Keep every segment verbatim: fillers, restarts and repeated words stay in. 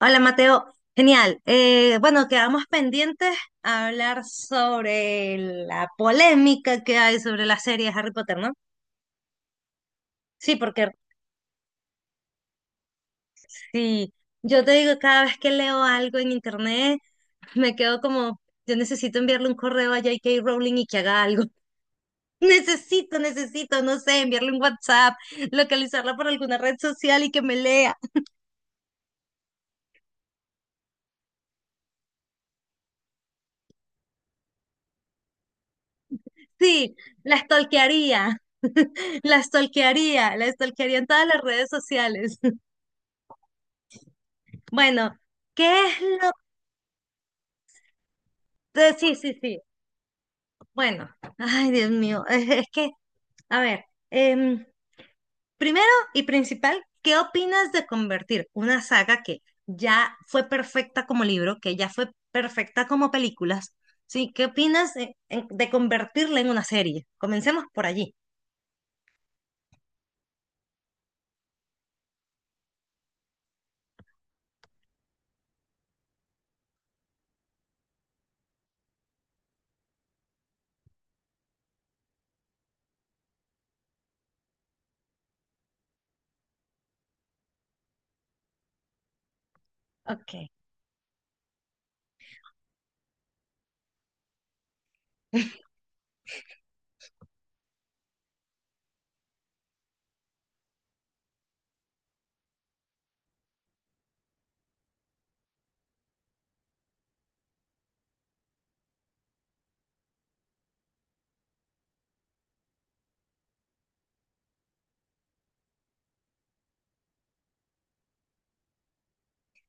Hola Mateo, genial. Eh, bueno, quedamos pendientes a hablar sobre la polémica que hay sobre la serie de Harry Potter, ¿no? Sí, porque si yo te digo cada vez que leo algo en internet, me quedo como, yo necesito enviarle un correo a J. K. Rowling y que haga algo. Necesito, necesito, no sé, enviarle un WhatsApp, localizarla por alguna red social y que me lea. Sí, la stalkearía, la stalkearía, la stalkearía en todas las redes sociales. Bueno, ¿qué es lo...? eh, sí, sí, sí. Bueno, ay, Dios mío. Es, es que, a ver, em, primero y principal, ¿qué opinas de convertir una saga que ya fue perfecta como libro, que ya fue perfecta como películas? ¿Sí? ¿Qué opinas de, en- de convertirla en una serie? Comencemos por allí. Ok.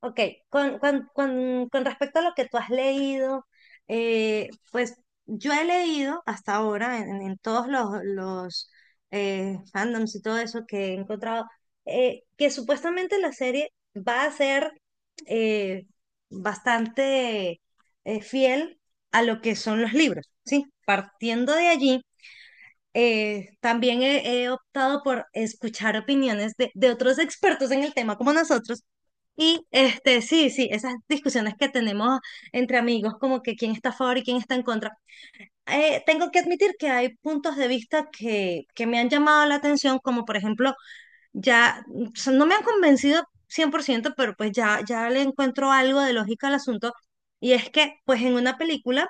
Ok, con, con- con- con respecto a lo que tú has leído, eh, pues yo he leído hasta ahora en, en todos los, los eh, fandoms y todo eso que he encontrado, eh, que supuestamente la serie va a ser eh, bastante eh, fiel a lo que son los libros, ¿sí? Partiendo de allí, eh, también he, he optado por escuchar opiniones de, de otros expertos en el tema como nosotros. Y este, sí, sí, esas discusiones que tenemos entre amigos, como que quién está a favor y quién está en contra. Eh, tengo que admitir que hay puntos de vista que, que me han llamado la atención, como por ejemplo ya, o sea, no me han convencido cien por ciento, pero pues ya, ya le encuentro algo de lógica al asunto. Y es que, pues en una película,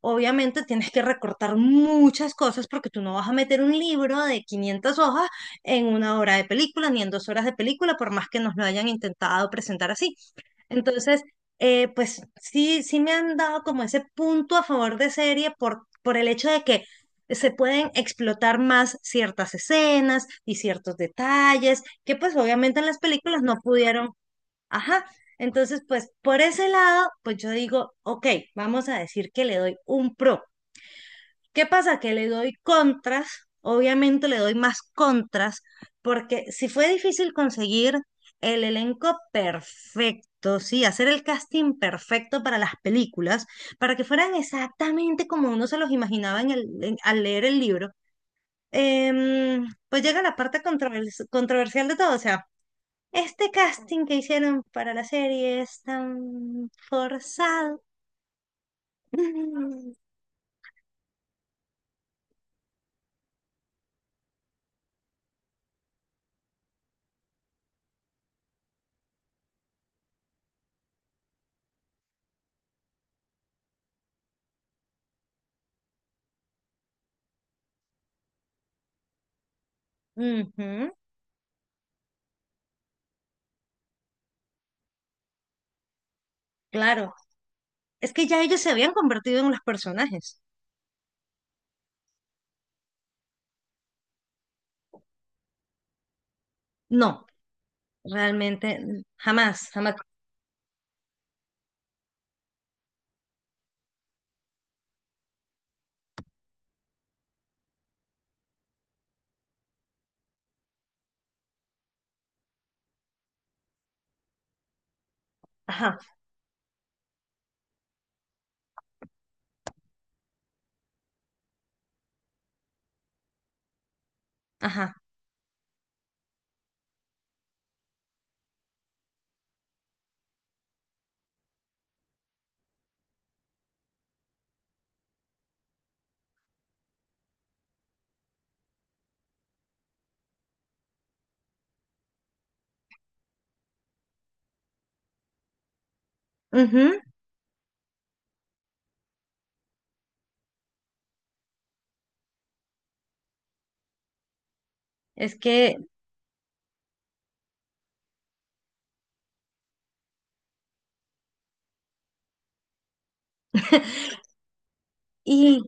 obviamente tienes que recortar muchas cosas porque tú no vas a meter un libro de quinientas hojas en una hora de película, ni en dos horas de película, por más que nos lo hayan intentado presentar así. Entonces, eh, pues sí, sí me han dado como ese punto a favor de serie por, por el hecho de que se pueden explotar más ciertas escenas y ciertos detalles que pues obviamente en las películas no pudieron. Ajá. Entonces, pues por ese lado, pues yo digo, ok, vamos a decir que le doy un pro. ¿Qué pasa? Que le doy contras, obviamente le doy más contras, porque si fue difícil conseguir el elenco perfecto, sí, hacer el casting perfecto para las películas, para que fueran exactamente como uno se los imaginaba en el, en- al leer el libro, em, pues llega la parte controvers- controversial de todo, o sea, este casting que hicieron para la serie es tan forzado. Ujú, claro. Es que ya ellos se habían convertido en los personajes. No, realmente, jamás, jamás. Ajá, ajá. ujú, Es que, y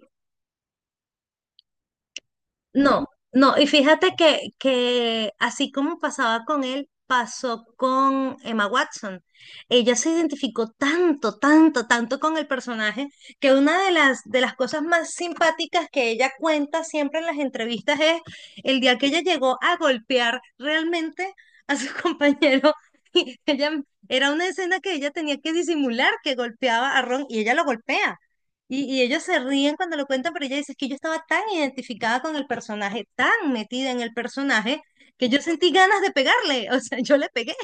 no, no, y fíjate que, que así como pasaba con él, pasó con Emma Watson. Ella se identificó tanto, tanto, tanto con el personaje que una de las, de las cosas más simpáticas que ella cuenta siempre en las entrevistas es el día que ella llegó a golpear realmente a su compañero. Y ella, era una escena que ella tenía que disimular que golpeaba a Ron y ella lo golpea. Y, y ellos se ríen cuando lo cuentan, pero ella dice, es que yo estaba tan identificada con el personaje, tan metida en el personaje, que yo sentí ganas de pegarle, o sea, yo le pegué.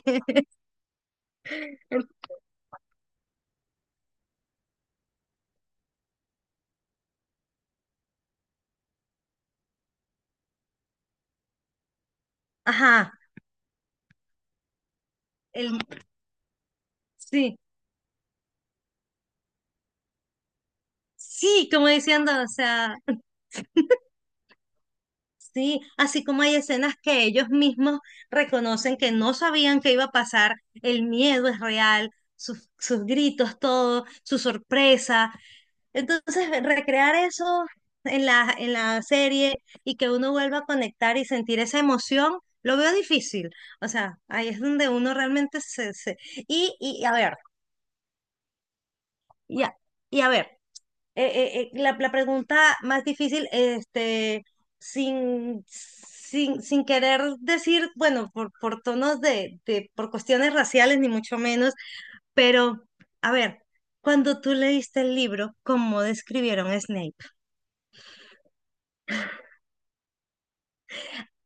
Ajá, el, sí, sí, como diciendo, o sea, sí, así como hay escenas que ellos mismos reconocen que no sabían qué iba a pasar, el miedo es real, sus, sus gritos, todo, su sorpresa. Entonces, recrear eso en la, en la serie y que uno vuelva a conectar y sentir esa emoción, lo veo difícil. O sea, ahí es donde uno realmente. se... se- Y, y a ver, ya, y a ver, eh, eh, eh, la, la pregunta más difícil, este, sin, sin, sin querer decir, bueno, por, por tonos de, de, por cuestiones raciales, ni mucho menos, pero, a ver, cuando tú leíste el libro, ¿cómo describieron a Snape?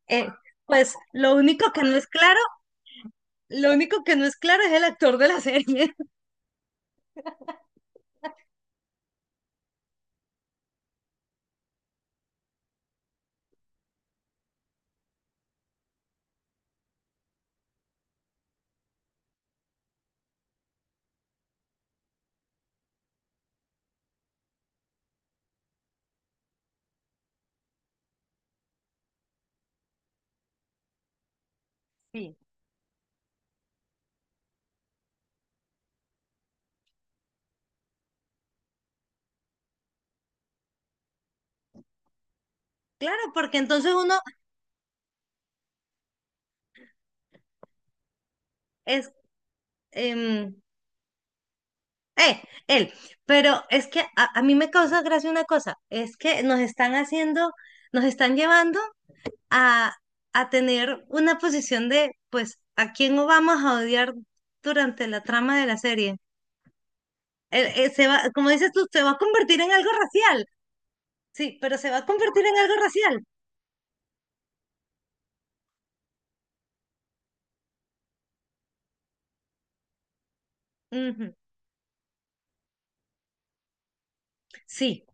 Eh, pues lo único que no es claro, lo único que no es claro es el actor de la serie. Sí. Claro, porque entonces uno es, em, eh, él. Pero es que a, a mí me causa gracia una cosa, es que nos están haciendo, nos están llevando a, a tener una posición de, pues, ¿a quién no vamos a odiar durante la trama de la serie? Eh, eh, se va, como dices tú, se va a convertir en algo racial. Sí, pero se va a convertir en algo racial. Ujú. Sí.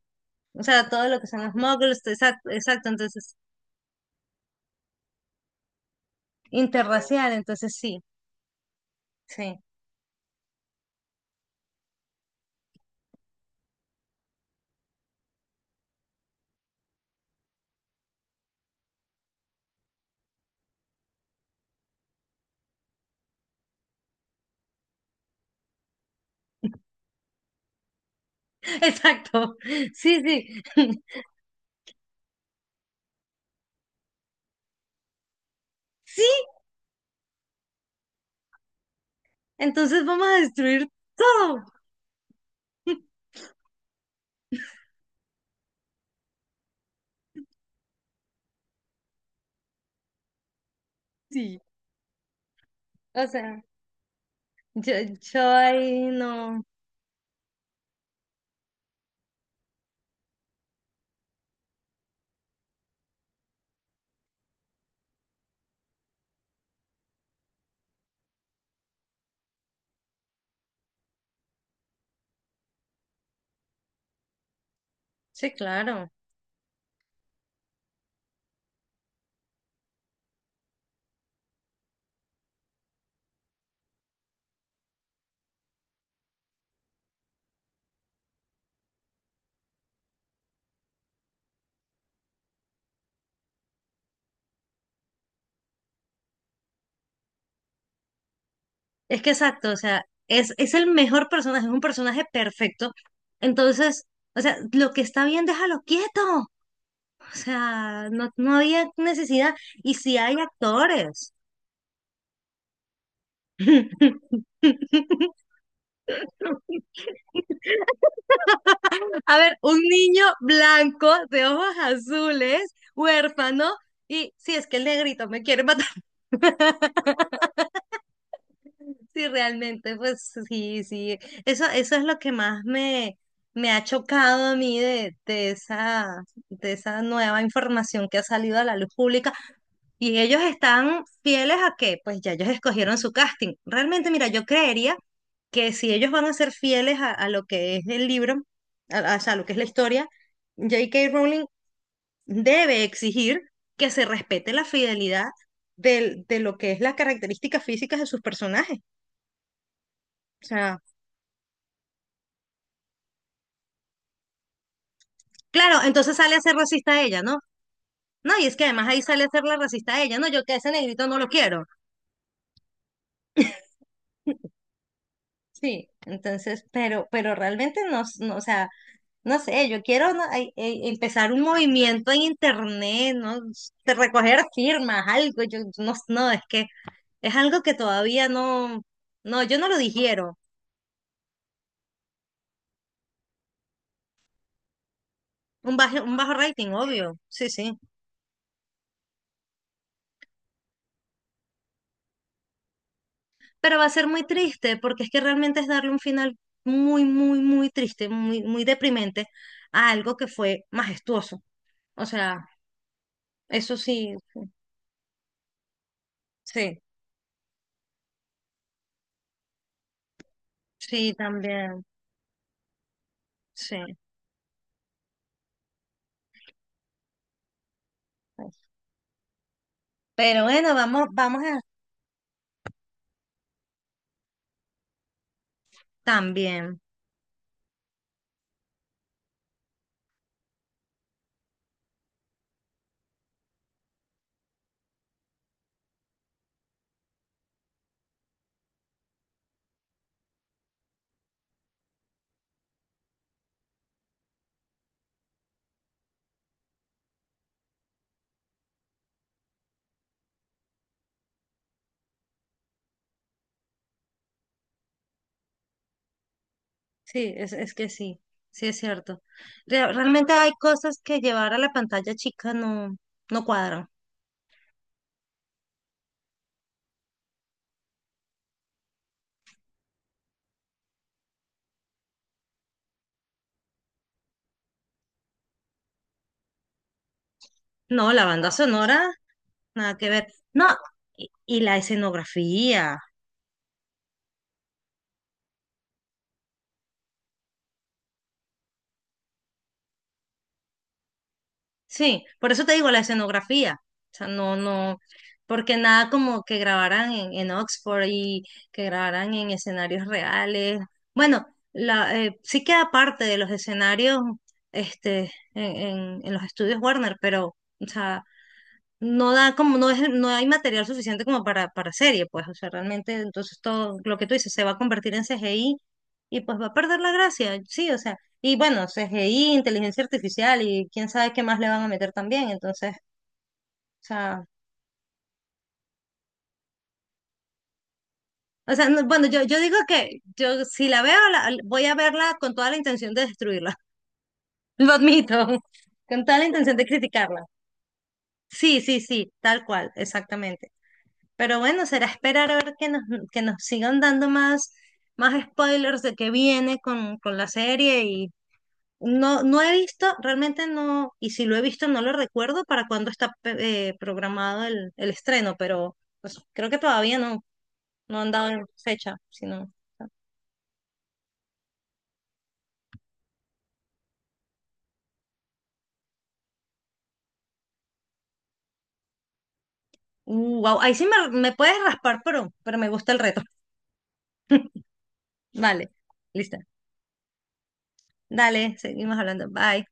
O sea, todo lo que son los muggles, exacto, exacto, entonces, interracial, entonces sí, sí, exacto, sí, sí, sí, entonces vamos a destruir todo. Sí. O sea, yo, yo ahí no. Sí, claro. Es que exacto, o sea, es, es el mejor personaje, es un personaje perfecto. Entonces, o sea, lo que está bien, déjalo quieto. O sea, no, no había necesidad. Y si hay actores. A ver, un niño blanco de ojos azules, huérfano, y si es que el negrito me quiere matar, sí realmente, pues sí, sí, eso, eso es lo que más me, me ha chocado a mí de, de esa, de esa nueva información que ha salido a la luz pública. Y ellos están fieles a que, pues ya ellos escogieron su casting. Realmente, mira, yo creería que si ellos van a ser fieles a, a lo que es el libro, a, a- o sea, a lo que es la historia, J K Rowling debe exigir que se respete la fidelidad del- de lo que es las características físicas de sus personajes. O sea, claro, entonces sale a ser racista a ella, ¿no? No, y es que además ahí sale a ser la racista a ella, ¿no? Yo que a ese negrito no lo quiero. Sí, entonces, pero, pero realmente no, s- no, o sea, no sé, yo quiero, ¿no? Ay, eh, empezar un movimiento en internet, ¿no? S- De recoger firmas, algo, yo no, s- no, es que es algo que todavía no, no, yo no lo digiero. Un bajo, un bajo rating, obvio. Sí, sí. Pero va a ser muy triste porque es que realmente es darle un final muy, muy, muy triste, muy, muy deprimente a algo que fue majestuoso. O sea, eso sí, sí, sí, también, sí. Pero bueno, vamos, vamos a también. Sí, es, es que sí, sí es cierto. Re- realmente hay cosas que llevar a la pantalla chica no, no cuadran. No, la banda sonora, nada que ver. No, y, y la escenografía. Sí, por eso te digo la escenografía. O sea, no, no, porque nada como que grabaran en, en Oxford y que grabaran en escenarios reales. Bueno, la, eh, sí queda parte de los escenarios este, en, en, en los estudios Warner, pero, o sea, no da como, no es, el- no hay material suficiente como para, para serie, pues, o sea, realmente, entonces todo lo que tú dices se va a convertir en C G I y pues va a perder la gracia, sí, o sea, y bueno, C G I, inteligencia artificial y quién sabe qué más le van a meter también, entonces, o sea, o sea, no- bueno, yo, yo digo que yo si la veo, la- voy a verla con toda la intención de destruirla, lo admito, con toda la intención de criticarla. Sí, sí, sí, tal cual, exactamente. Pero bueno, será esperar a ver que nos, que nos sigan dando más, más spoilers de qué viene con, con la serie. Y no, no he visto, realmente no, y si lo he visto no lo recuerdo para cuándo está pe- eh, programado el, el estreno, pero pues, creo que todavía no, no han dado fecha, sino. wow, ahí sí me, me puedes raspar, pero, pero me gusta el reto. Vale, listo. Dale, seguimos hablando. Bye.